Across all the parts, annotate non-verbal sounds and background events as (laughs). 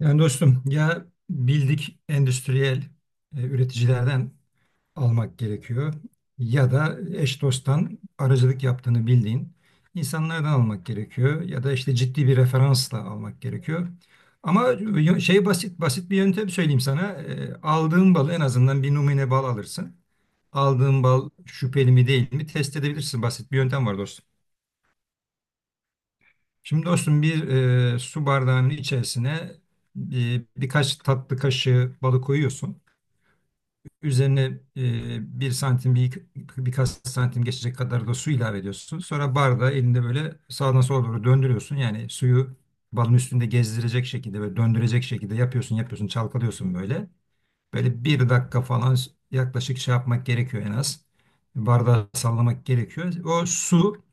Yani dostum ya bildik endüstriyel üreticilerden almak gerekiyor ya da eş dosttan aracılık yaptığını bildiğin insanlardan almak gerekiyor ya da işte ciddi bir referansla almak gerekiyor. Ama basit basit bir yöntem söyleyeyim sana. Aldığın balı en azından bir numune bal alırsın. Aldığın bal şüpheli mi değil mi test edebilirsin. Basit bir yöntem var dostum. Şimdi dostum bir su bardağının içerisine birkaç tatlı kaşığı balı koyuyorsun. Üzerine 1 santim birkaç santim geçecek kadar da su ilave ediyorsun. Sonra bardağı elinde böyle sağdan sola doğru döndürüyorsun. Yani suyu balın üstünde gezdirecek şekilde ve döndürecek şekilde yapıyorsun çalkalıyorsun böyle. Böyle bir dakika falan yaklaşık şey yapmak gerekiyor en az. Bardağı sallamak gerekiyor. O su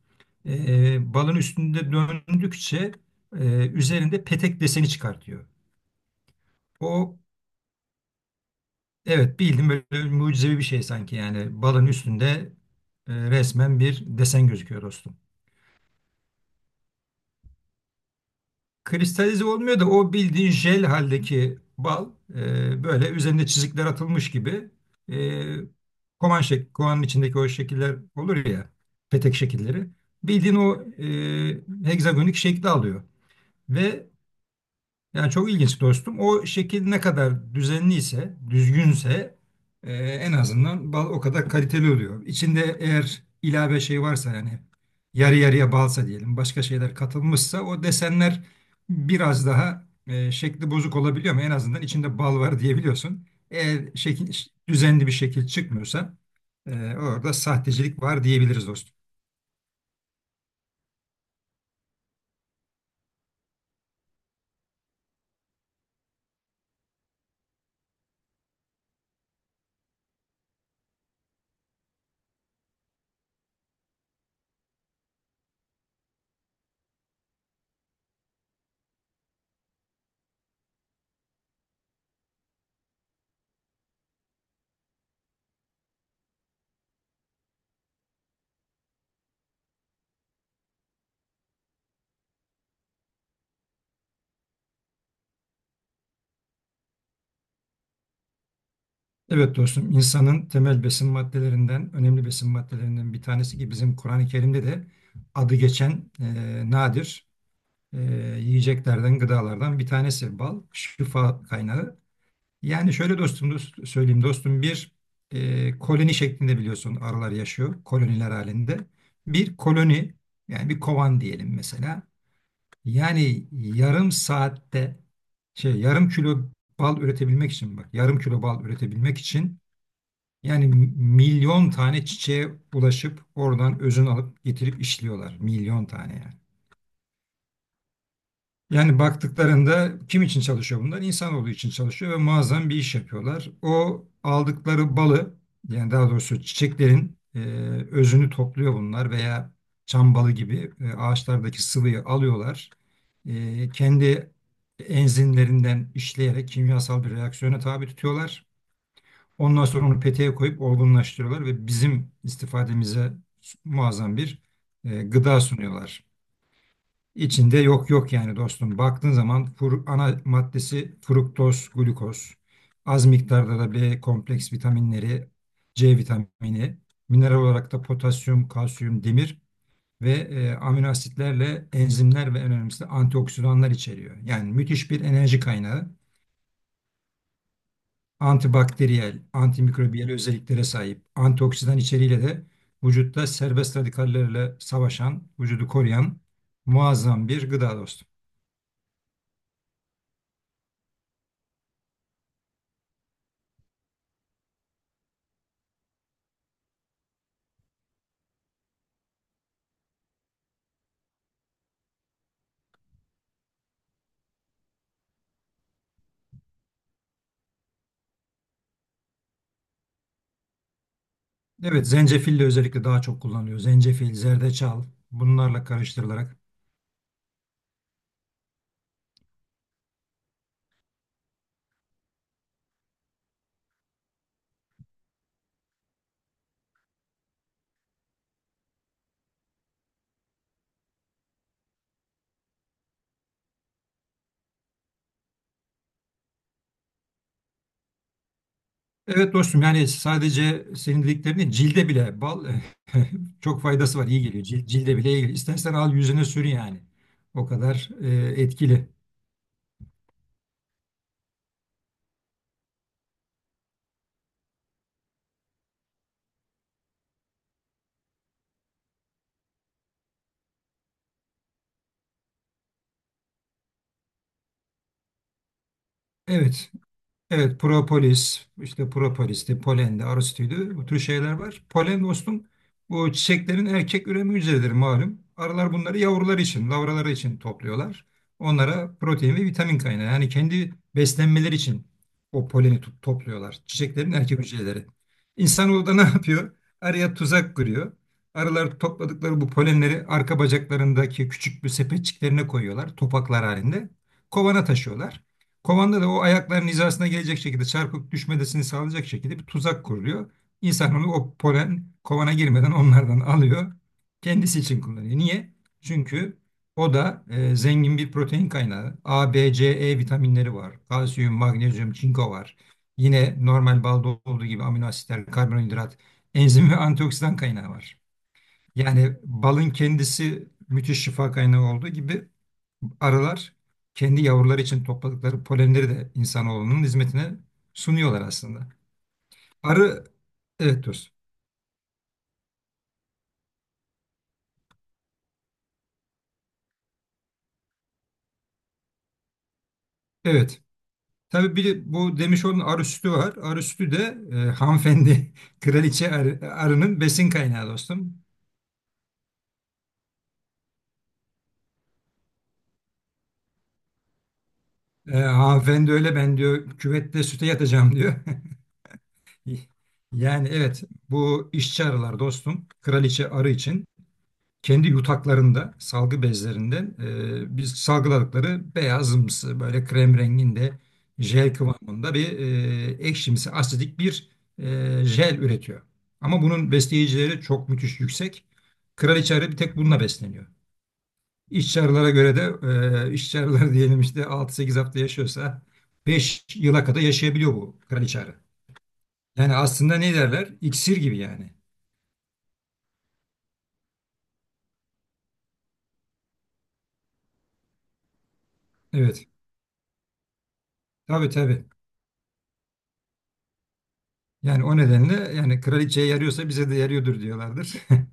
balın üstünde döndükçe üzerinde petek deseni çıkartıyor. O evet bildim, böyle mucizevi bir şey sanki. Yani balın üstünde resmen bir desen gözüküyor dostum. Kristalize olmuyor da o bildiğin jel haldeki bal böyle üzerinde çizikler atılmış gibi, e, kovanın içindeki o şekiller olur ya, petek şekilleri, bildiğin o hegzagonik şekli alıyor ve yani çok ilginç dostum. O şekil ne kadar düzenliyse, düzgünse en azından bal o kadar kaliteli oluyor. İçinde eğer ilave şey varsa, yani yarı yarıya balsa diyelim, başka şeyler katılmışsa, o desenler biraz daha şekli bozuk olabiliyor, ama en azından içinde bal var diyebiliyorsun. Eğer şekil düzenli bir şekil çıkmıyorsa, e, orada sahtecilik var diyebiliriz dostum. Evet dostum, insanın temel besin maddelerinden, önemli besin maddelerinden bir tanesi, ki bizim Kur'an-ı Kerim'de de adı geçen nadir e, yiyeceklerden, gıdalardan bir tanesi bal, şifa kaynağı. Yani şöyle dostum, söyleyeyim dostum, bir koloni şeklinde biliyorsun arılar yaşıyor, koloniler halinde. Bir koloni, yani bir kovan diyelim mesela. Yani yarım saatte, yarım kilo bal üretebilmek için, bak, yarım kilo bal üretebilmek için yani milyon tane çiçeğe bulaşıp oradan özünü alıp getirip işliyorlar. Milyon tane, yani. Yani baktıklarında kim için çalışıyor bunlar? İnsanoğlu için çalışıyor ve muazzam bir iş yapıyorlar. O aldıkları balı, yani daha doğrusu çiçeklerin özünü topluyor bunlar, veya çam balı gibi ağaçlardaki sıvıyı alıyorlar. Kendi enzimlerinden işleyerek kimyasal bir reaksiyona tabi tutuyorlar. Ondan sonra onu peteğe koyup olgunlaştırıyorlar ve bizim istifademize muazzam bir gıda sunuyorlar. İçinde yok yok, yani dostum. Baktığın zaman ana maddesi fruktoz, glukoz. Az miktarda da B kompleks vitaminleri, C vitamini, mineral olarak da potasyum, kalsiyum, demir ve amino asitlerle enzimler, ve en önemlisi de antioksidanlar içeriyor. Yani müthiş bir enerji kaynağı. Antibakteriyel, antimikrobiyel özelliklere sahip, antioksidan içeriğiyle de vücutta serbest radikallerle savaşan, vücudu koruyan muazzam bir gıda dostum. Evet, zencefil de özellikle daha çok kullanılıyor. Zencefil, zerdeçal, bunlarla karıştırılarak. Evet dostum, yani sadece senin dediklerini, cilde bile bal (laughs) çok faydası var, iyi geliyor. Cilde bile iyi geliyor. İstersen al yüzüne sür yani. O kadar etkili. Evet. Evet, propolis, işte propolis'ti, polendi, arostuydu. Bu tür şeyler var. Polen dostum, bu çiçeklerin erkek üreme hücreleridir malum. Arılar bunları yavruları için, lavraları için topluyorlar. Onlara protein ve vitamin kaynağı. Yani kendi beslenmeleri için o poleni topluyorlar. Çiçeklerin erkek hücreleri. İnsanoğlu da (laughs) ne yapıyor? Arıya tuzak kuruyor. Arılar topladıkları bu polenleri arka bacaklarındaki küçük bir sepetçiklerine koyuyorlar, topaklar halinde. Kovana taşıyorlar. Kovanda da o ayakların hizasına gelecek şekilde çarpıp düşmesini sağlayacak şekilde bir tuzak kuruluyor. İnsan onu o polen kovana girmeden onlardan alıyor. Kendisi için kullanıyor. Niye? Çünkü o da zengin bir protein kaynağı. A, B, C, E vitaminleri var. Kalsiyum, magnezyum, çinko var. Yine normal balda olduğu gibi amino asitler, karbonhidrat, enzim ve antioksidan kaynağı var. Yani balın kendisi müthiş şifa kaynağı olduğu gibi, arılar kendi yavruları için topladıkları polenleri de insanoğlunun hizmetine sunuyorlar aslında. Arı, evet dostum, evet. Tabii bir de bu demiş onun, arı sütü var. Arı sütü de hanımefendi, (laughs) arının besin kaynağı dostum. Hanımefendi öyle, ben diyor küvette süte yatacağım diyor. (laughs) Yani evet, bu işçi arılar dostum, kraliçe arı için kendi yutaklarında salgı bezlerinden biz salgıladıkları beyazımsı, böyle krem renginde, jel kıvamında bir ekşimsi, asidik bir jel üretiyor. Ama bunun besleyicileri çok müthiş yüksek. Kraliçe arı bir tek bununla besleniyor. İşçi arılara göre de işçi arılar (laughs) diyelim işte 6-8 hafta yaşıyorsa, 5 yıla kadar yaşayabiliyor bu kraliçe arı. Yani aslında ne derler? İksir gibi yani. Evet. Tabii, tabii. Yani o nedenle, yani kraliçeye yarıyorsa bize de yarıyordur diyorlardır. (laughs)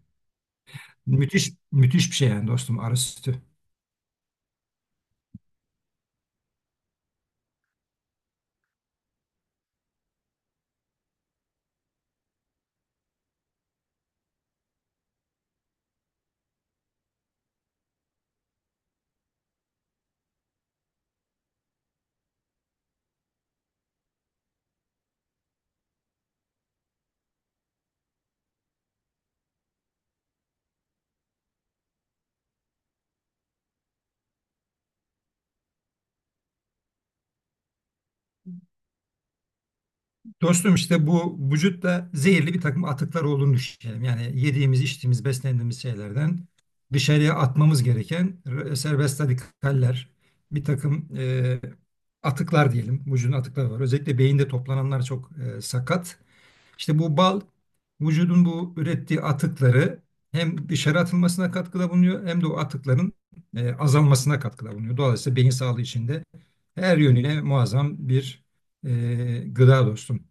Müthiş, müthiş bir şey yani dostum arı sütü. Dostum, işte bu vücutta zehirli bir takım atıklar olduğunu düşünelim. Yani yediğimiz, içtiğimiz, beslendiğimiz şeylerden dışarıya atmamız gereken serbest radikaller, bir takım atıklar diyelim. Vücudun atıkları var. Özellikle beyinde toplananlar çok sakat. İşte bu bal vücudun bu ürettiği atıkları hem dışarı atılmasına katkıda bulunuyor, hem de o atıkların azalmasına katkıda bulunuyor. Dolayısıyla beyin sağlığı için de her yönüyle muazzam bir gıda dostum.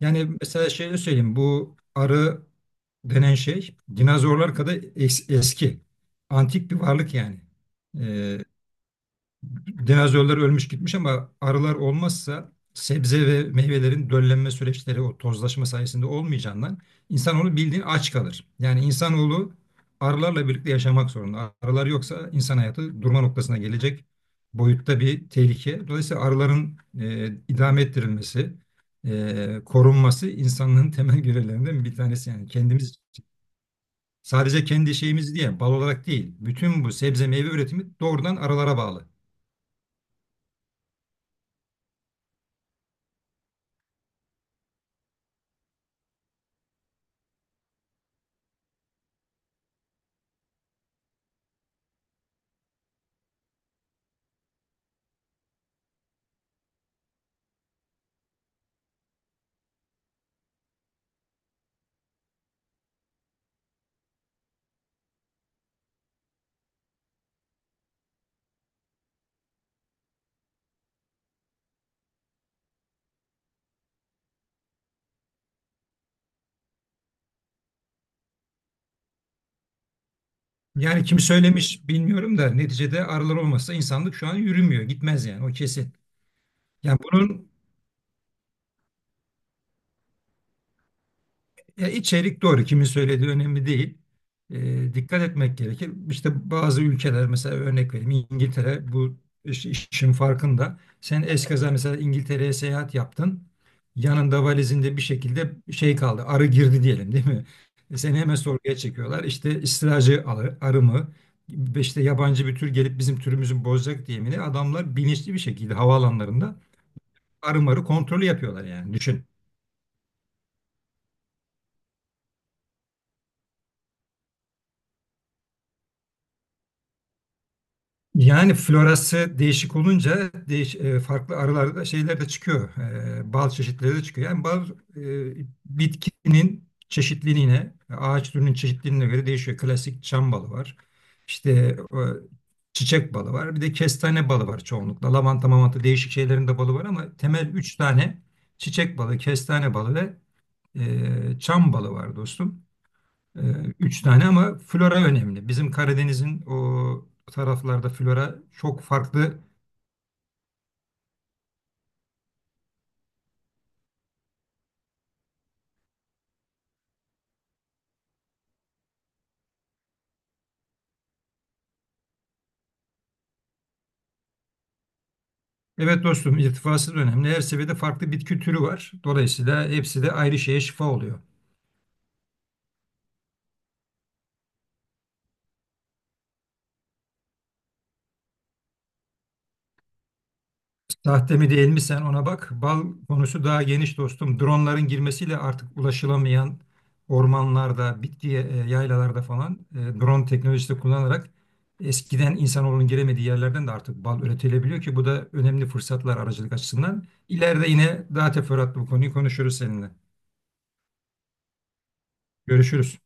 Yani mesela şöyle söyleyeyim, bu arı denen şey dinozorlar kadar eski, antik bir varlık yani. E, Dinozorlar ölmüş gitmiş ama arılar olmazsa sebze ve meyvelerin döllenme süreçleri o tozlaşma sayesinde olmayacağından insanoğlu bildiğin aç kalır. Yani insanoğlu arılarla birlikte yaşamak zorunda. Arılar yoksa insan hayatı durma noktasına gelecek boyutta bir tehlike. Dolayısıyla arıların idame ettirilmesi, korunması insanlığın (laughs) temel görevlerinden bir tanesi. Yani kendimiz için. Sadece kendi şeyimiz diye bal olarak değil, bütün bu sebze meyve üretimi doğrudan arılara bağlı. Yani kim söylemiş bilmiyorum da, neticede arılar olmasa insanlık şu an yürümüyor, gitmez yani, o kesin. Yani bunun Ya, içerik doğru, kimin söylediği önemli değil. Dikkat etmek gerekir. İşte bazı ülkeler, mesela örnek vereyim, İngiltere bu işin farkında. Sen eskaza mesela İngiltere'ye seyahat yaptın. Yanında valizinde bir şekilde şey kaldı, arı girdi diyelim, değil mi? Seni hemen sorguya çekiyorlar. İşte istilacı arı, arı mı? Ve işte yabancı bir tür gelip bizim türümüzü bozacak diye mi, ne? Adamlar bilinçli bir şekilde havaalanlarında arı marı kontrolü yapıyorlar yani. Düşün. Yani florası değişik olunca farklı arılarda şeyler de çıkıyor. Bal çeşitleri de çıkıyor. Yani bal bitkinin çeşitliliğine, ağaç türünün çeşitliliğine göre değişiyor. Klasik çam balı var. İşte çiçek balı var. Bir de kestane balı var çoğunlukla. Lavanta, mamanta, değişik şeylerin de balı var, ama temel üç tane: çiçek balı, kestane balı ve çam balı var dostum. Ee, Üç tane, ama flora önemli. Bizim Karadeniz'in o taraflarda flora çok farklı. Evet dostum, irtifası da önemli. Her seviyede farklı bitki türü var. Dolayısıyla hepsi de ayrı şeye şifa oluyor. Sahte mi değil mi, sen ona bak. Bal konusu daha geniş dostum. Dronların girmesiyle artık ulaşılamayan ormanlarda, bitki yaylalarda falan, drone teknolojisi kullanarak eskiden insanoğlunun giremediği yerlerden de artık bal üretilebiliyor, ki bu da önemli fırsatlar aracılık açısından. İleride yine daha teferruatlı bu konuyu konuşuruz seninle. Görüşürüz.